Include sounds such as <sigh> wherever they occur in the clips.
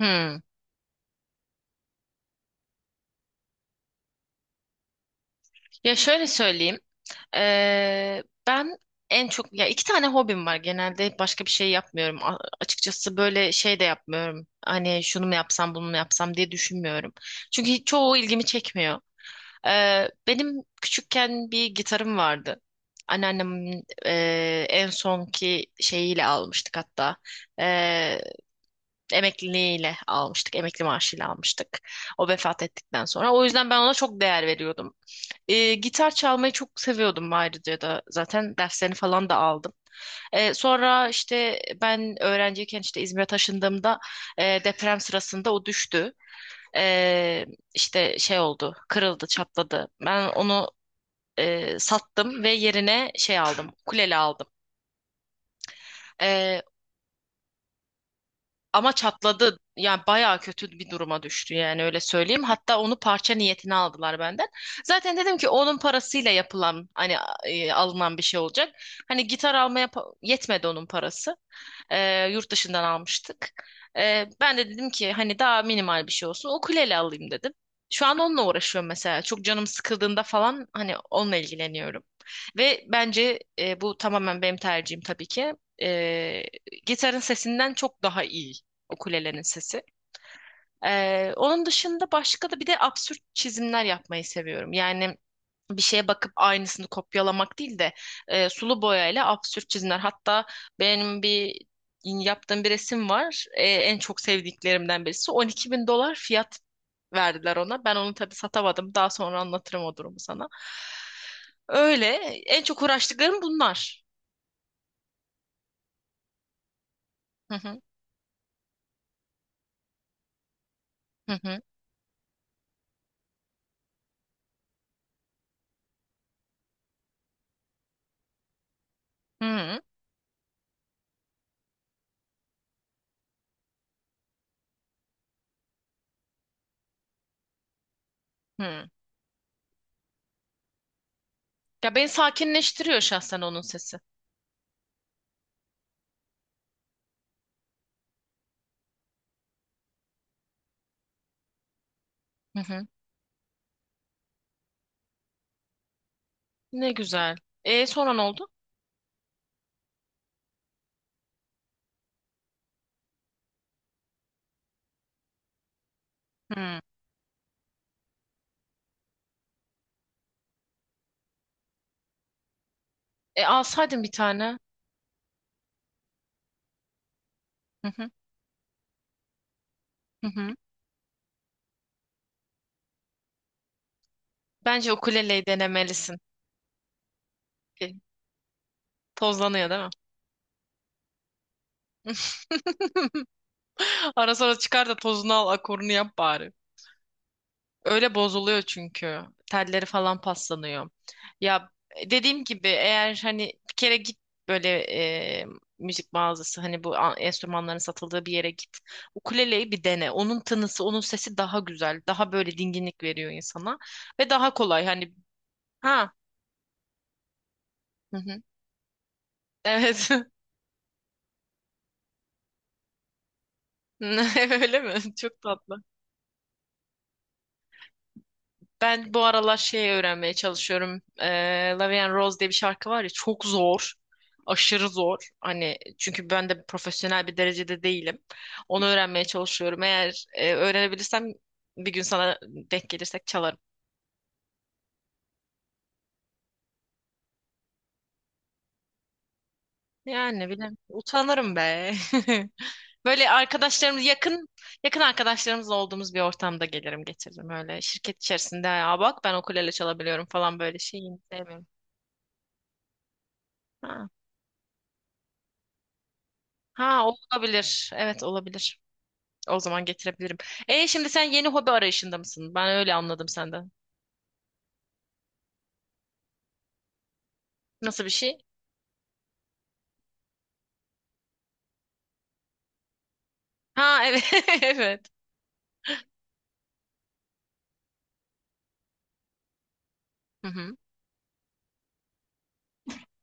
Hmm. Ya şöyle söyleyeyim. Ben en çok ya iki tane hobim var. Genelde başka bir şey yapmıyorum. Açıkçası böyle şey de yapmıyorum. Hani şunu mu yapsam bunu mu yapsam diye düşünmüyorum. Çünkü çoğu ilgimi çekmiyor. Benim küçükken bir gitarım vardı. Anneannemin en sonki şeyiyle almıştık hatta. Eee emekliliğiyle almıştık. Emekli maaşıyla almıştık. O vefat ettikten sonra. O yüzden ben ona çok değer veriyordum. Gitar çalmayı çok seviyordum ayrıca da zaten derslerini falan da aldım. Sonra işte ben öğrenciyken işte İzmir'e taşındığımda deprem sırasında o düştü. E, işte şey oldu, kırıldı, çatladı. Ben onu sattım ve yerine şey aldım, kuleli aldım. E, Ama çatladı. Yani bayağı kötü bir duruma düştü yani öyle söyleyeyim. Hatta onu parça niyetine aldılar benden. Zaten dedim ki onun parasıyla yapılan hani alınan bir şey olacak. Hani gitar almaya yetmedi onun parası. Yurt dışından almıştık. Ben de dedim ki hani daha minimal bir şey olsun. Ukulele alayım dedim. Şu an onunla uğraşıyorum mesela. Çok canım sıkıldığında falan hani onunla ilgileniyorum. Ve bence bu tamamen benim tercihim tabii ki. Ee, gitarın sesinden çok daha iyi o kulelerin sesi. Onun dışında başka da bir de absürt çizimler yapmayı seviyorum. Yani bir şeye bakıp aynısını kopyalamak değil de sulu boyayla absürt çizimler. Hatta benim bir yaptığım bir resim var. En çok sevdiklerimden birisi. 12 bin dolar fiyat verdiler ona. Ben onu tabii satamadım. Daha sonra anlatırım o durumu sana. Öyle. En çok uğraştıklarım bunlar. Hı hı. Hı hı. Hı hı. Hı. Ya beni sakinleştiriyor şahsen onun sesi. Ne güzel. E sonra ne oldu? Hmm. E alsaydın bir tane. Hı hı. Hı hı. Bence ukuleleyi denemelisin. E, Tozlanıyor değil mi? <laughs> Ara sıra çıkar da tozunu al, akorunu yap bari. Öyle bozuluyor çünkü. Telleri falan paslanıyor. Ya dediğim gibi eğer hani bir kere git böyle e, müzik mağazası hani bu enstrümanların satıldığı bir yere git. Ukuleleyi bir dene. Onun tınısı, onun sesi daha güzel, daha böyle dinginlik veriyor insana ve daha kolay. Hani Ha, Hı hı. Evet. <laughs> Öyle mi? Çok tatlı. Ben bu aralar şey öğrenmeye çalışıyorum. Love and Rose diye bir şarkı var ya çok zor. Aşırı zor. Hani çünkü ben de profesyonel bir derecede değilim. Onu öğrenmeye çalışıyorum. Eğer öğrenebilirsem bir gün sana denk gelirsek çalarım. Yani bilmiyorum. Utanırım be. <laughs> Böyle arkadaşlarımız yakın yakın arkadaşlarımızla olduğumuz bir ortamda gelirim getiririm öyle şirket içerisinde ya bak ben ukulele çalabiliyorum falan böyle şeyi sevmiyorum. Ha. Ha olabilir. Evet olabilir. O zaman getirebilirim. E şimdi sen yeni hobi arayışında mısın? Ben öyle anladım senden. Nasıl bir şey? Ha evet. <laughs> Evet. Hı.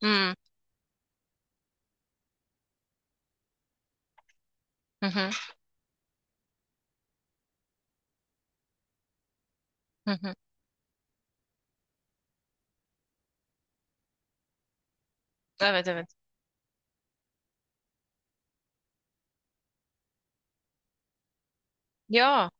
Hı hı. Hı. Hı hı. Evet evet. Ya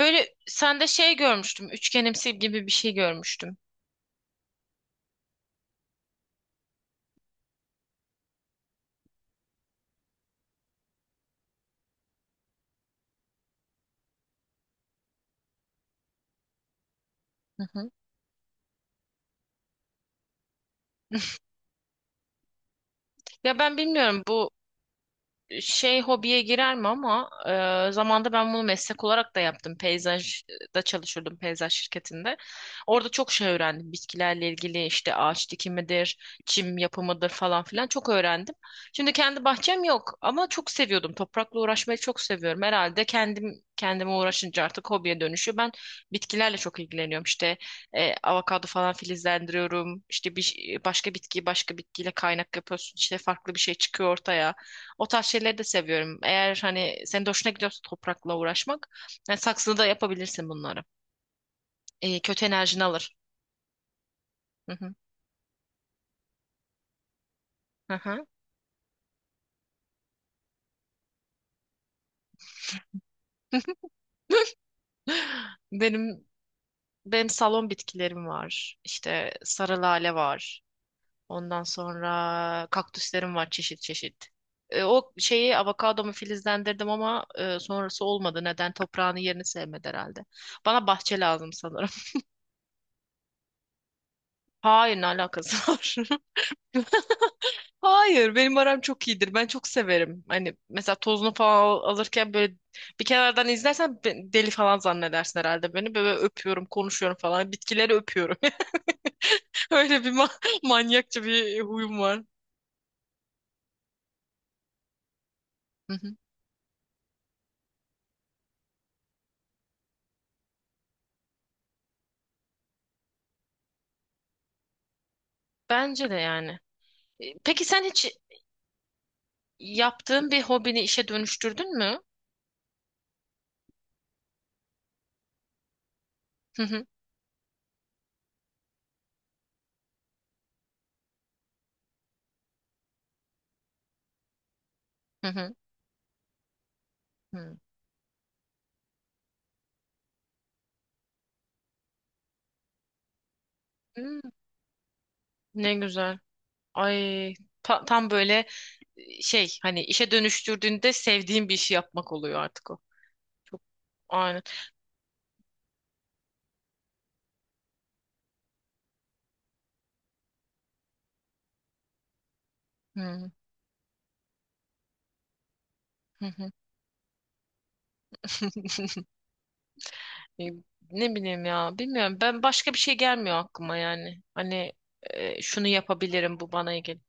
böyle sende şey görmüştüm. Üçgenimsi gibi bir şey görmüştüm. Hı hı. Ya ben bilmiyorum bu, şey hobiye girer mi ama zamanda ben bunu meslek olarak da yaptım. Peyzajda çalışıyordum peyzaj şirketinde. Orada çok şey öğrendim. Bitkilerle ilgili işte ağaç dikimidir, çim yapımıdır falan filan çok öğrendim. Şimdi kendi bahçem yok ama çok seviyordum. Toprakla uğraşmayı çok seviyorum. Herhalde kendim kendime uğraşınca artık hobiye dönüşüyor. Ben bitkilerle çok ilgileniyorum. İşte avokado falan filizlendiriyorum. İşte bir başka bitkiyi başka bitkiyle kaynak yapıyorsun. İşte farklı bir şey çıkıyor ortaya. O tarz şeyleri de seviyorum. Eğer hani senin de hoşuna gidiyorsa toprakla uğraşmak, yani saksıda da yapabilirsin bunları. Kötü enerjini alır. Hı hı. Hı hı. Benim benim salon bitkilerim var. İşte sarı lale var. Ondan sonra kaktüslerim var çeşit çeşit. O şeyi avokadomu filizlendirdim ama sonrası olmadı. Neden? Toprağını yerini sevmedi herhalde. Bana bahçe lazım sanırım. <laughs> Hayır, ne alakası var? <laughs> Hayır, benim aram çok iyidir. Ben çok severim. Hani mesela tozunu falan alırken böyle bir kenardan izlersen deli falan zannedersin herhalde beni. Böyle öpüyorum, konuşuyorum falan. Bitkileri öpüyorum. <laughs> Öyle bir <laughs> manyakça bir huyum var. Hı hı. Bence de yani. Peki sen hiç yaptığın bir hobini işe dönüştürdün mü? Hı hı. Hı hı. Hı. Hmm, ne güzel. Ay tam böyle şey hani işe dönüştürdüğünde sevdiğin bir işi yapmak oluyor artık o. Çok Hı hı hı. <laughs> E, ne bileyim ya bilmiyorum ben başka bir şey gelmiyor aklıma yani hani şunu yapabilirim bu bana ilgili.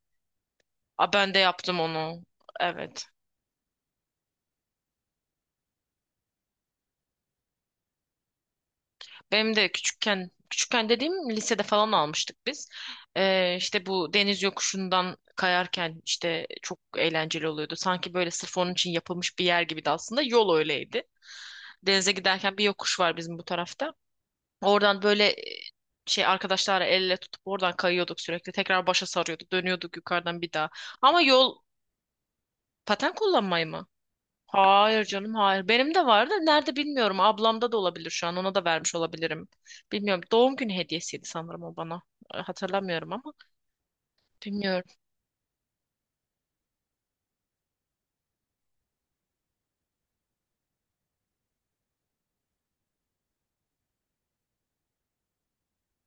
A ben de yaptım onu evet benim de küçükken küçükken dediğim lisede falan almıştık biz işte bu deniz yokuşundan kayarken işte çok eğlenceli oluyordu sanki böyle sırf onun için yapılmış bir yer gibiydi aslında yol öyleydi denize giderken bir yokuş var bizim bu tarafta. Oradan böyle şey arkadaşlarla el ele tutup oradan kayıyorduk sürekli. Tekrar başa sarıyorduk. Dönüyorduk yukarıdan bir daha. Ama yol paten kullanmayı mı? Hayır canım hayır. Benim de vardı. Nerede bilmiyorum. Ablamda da olabilir şu an. Ona da vermiş olabilirim. Bilmiyorum. Doğum günü hediyesiydi sanırım o bana. Hatırlamıyorum ama. Bilmiyorum.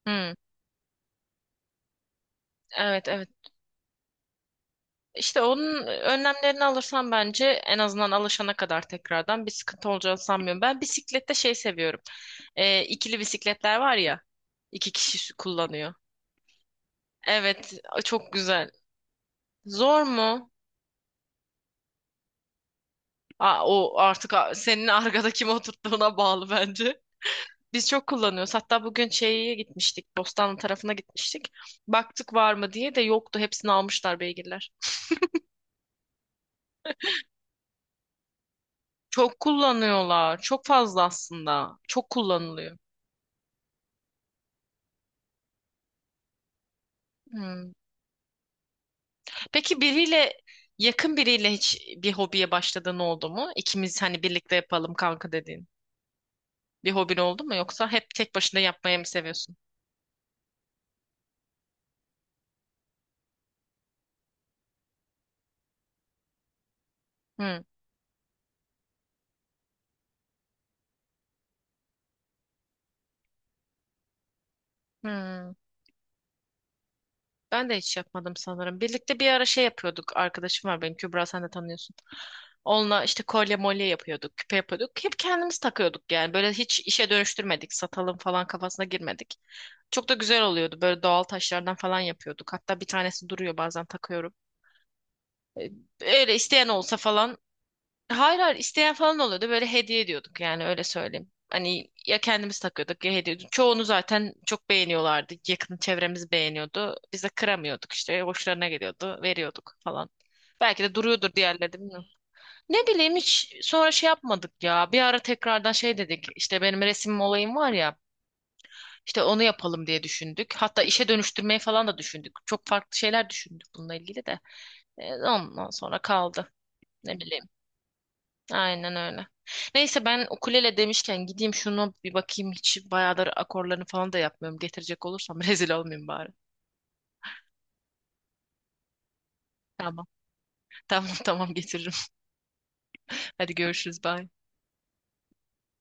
Hmm. Evet evet. İşte onun önlemlerini alırsan bence en azından alışana kadar tekrardan bir sıkıntı olacağını sanmıyorum. Ben bisiklette şey seviyorum. İkili bisikletler var ya. İki kişi kullanıyor. Evet, çok güzel. Zor mu? Aa, o artık senin <laughs> arkada kim oturttuğuna bağlı bence. Biz çok kullanıyoruz. Hatta bugün şeye gitmiştik. Bostanlı tarafına gitmiştik. Baktık var mı diye de yoktu. Hepsini almışlar beygirler. Çok kullanıyorlar. Çok fazla aslında. Çok kullanılıyor. Hmm. Peki biriyle yakın biriyle hiç bir hobiye başladığın oldu mu? İkimiz hani birlikte yapalım kanka dediğin. Bir hobin oldu mu yoksa hep tek başına yapmayı mı seviyorsun? Hı. Hı. Ben de hiç yapmadım sanırım. Birlikte bir ara şey yapıyorduk. Arkadaşım var benim Kübra sen de tanıyorsun. Onunla işte kolye molye yapıyorduk, küpe yapıyorduk. Hep kendimiz takıyorduk yani. Böyle hiç işe dönüştürmedik, satalım falan kafasına girmedik. Çok da güzel oluyordu. Böyle doğal taşlardan falan yapıyorduk. Hatta bir tanesi duruyor bazen takıyorum. E, Öyle isteyen olsa falan Hayır hayır isteyen falan oluyordu. Böyle hediye ediyorduk yani öyle söyleyeyim. Hani ya kendimiz takıyorduk ya hediye ediyorduk. Çoğunu zaten çok beğeniyorlardı. Yakın çevremiz beğeniyordu. Biz de kıramıyorduk işte. Hoşlarına geliyordu. Veriyorduk falan. Belki de duruyordur diğerleri de bilmiyorum. Ne bileyim hiç sonra şey yapmadık ya. Bir ara tekrardan şey dedik. İşte benim resim olayım var ya. İşte onu yapalım diye düşündük. Hatta işe dönüştürmeyi falan da düşündük. Çok farklı şeyler düşündük bununla ilgili de. Ondan sonra kaldı. Ne bileyim. Aynen öyle. Neyse ben ukulele demişken gideyim şunu bir bakayım. Hiç bayağıdır akorlarını falan da yapmıyorum. Getirecek olursam <laughs> rezil olmayayım bari. Tamam. Tamam tamam getiririm. Hadi görüşürüz. Bye.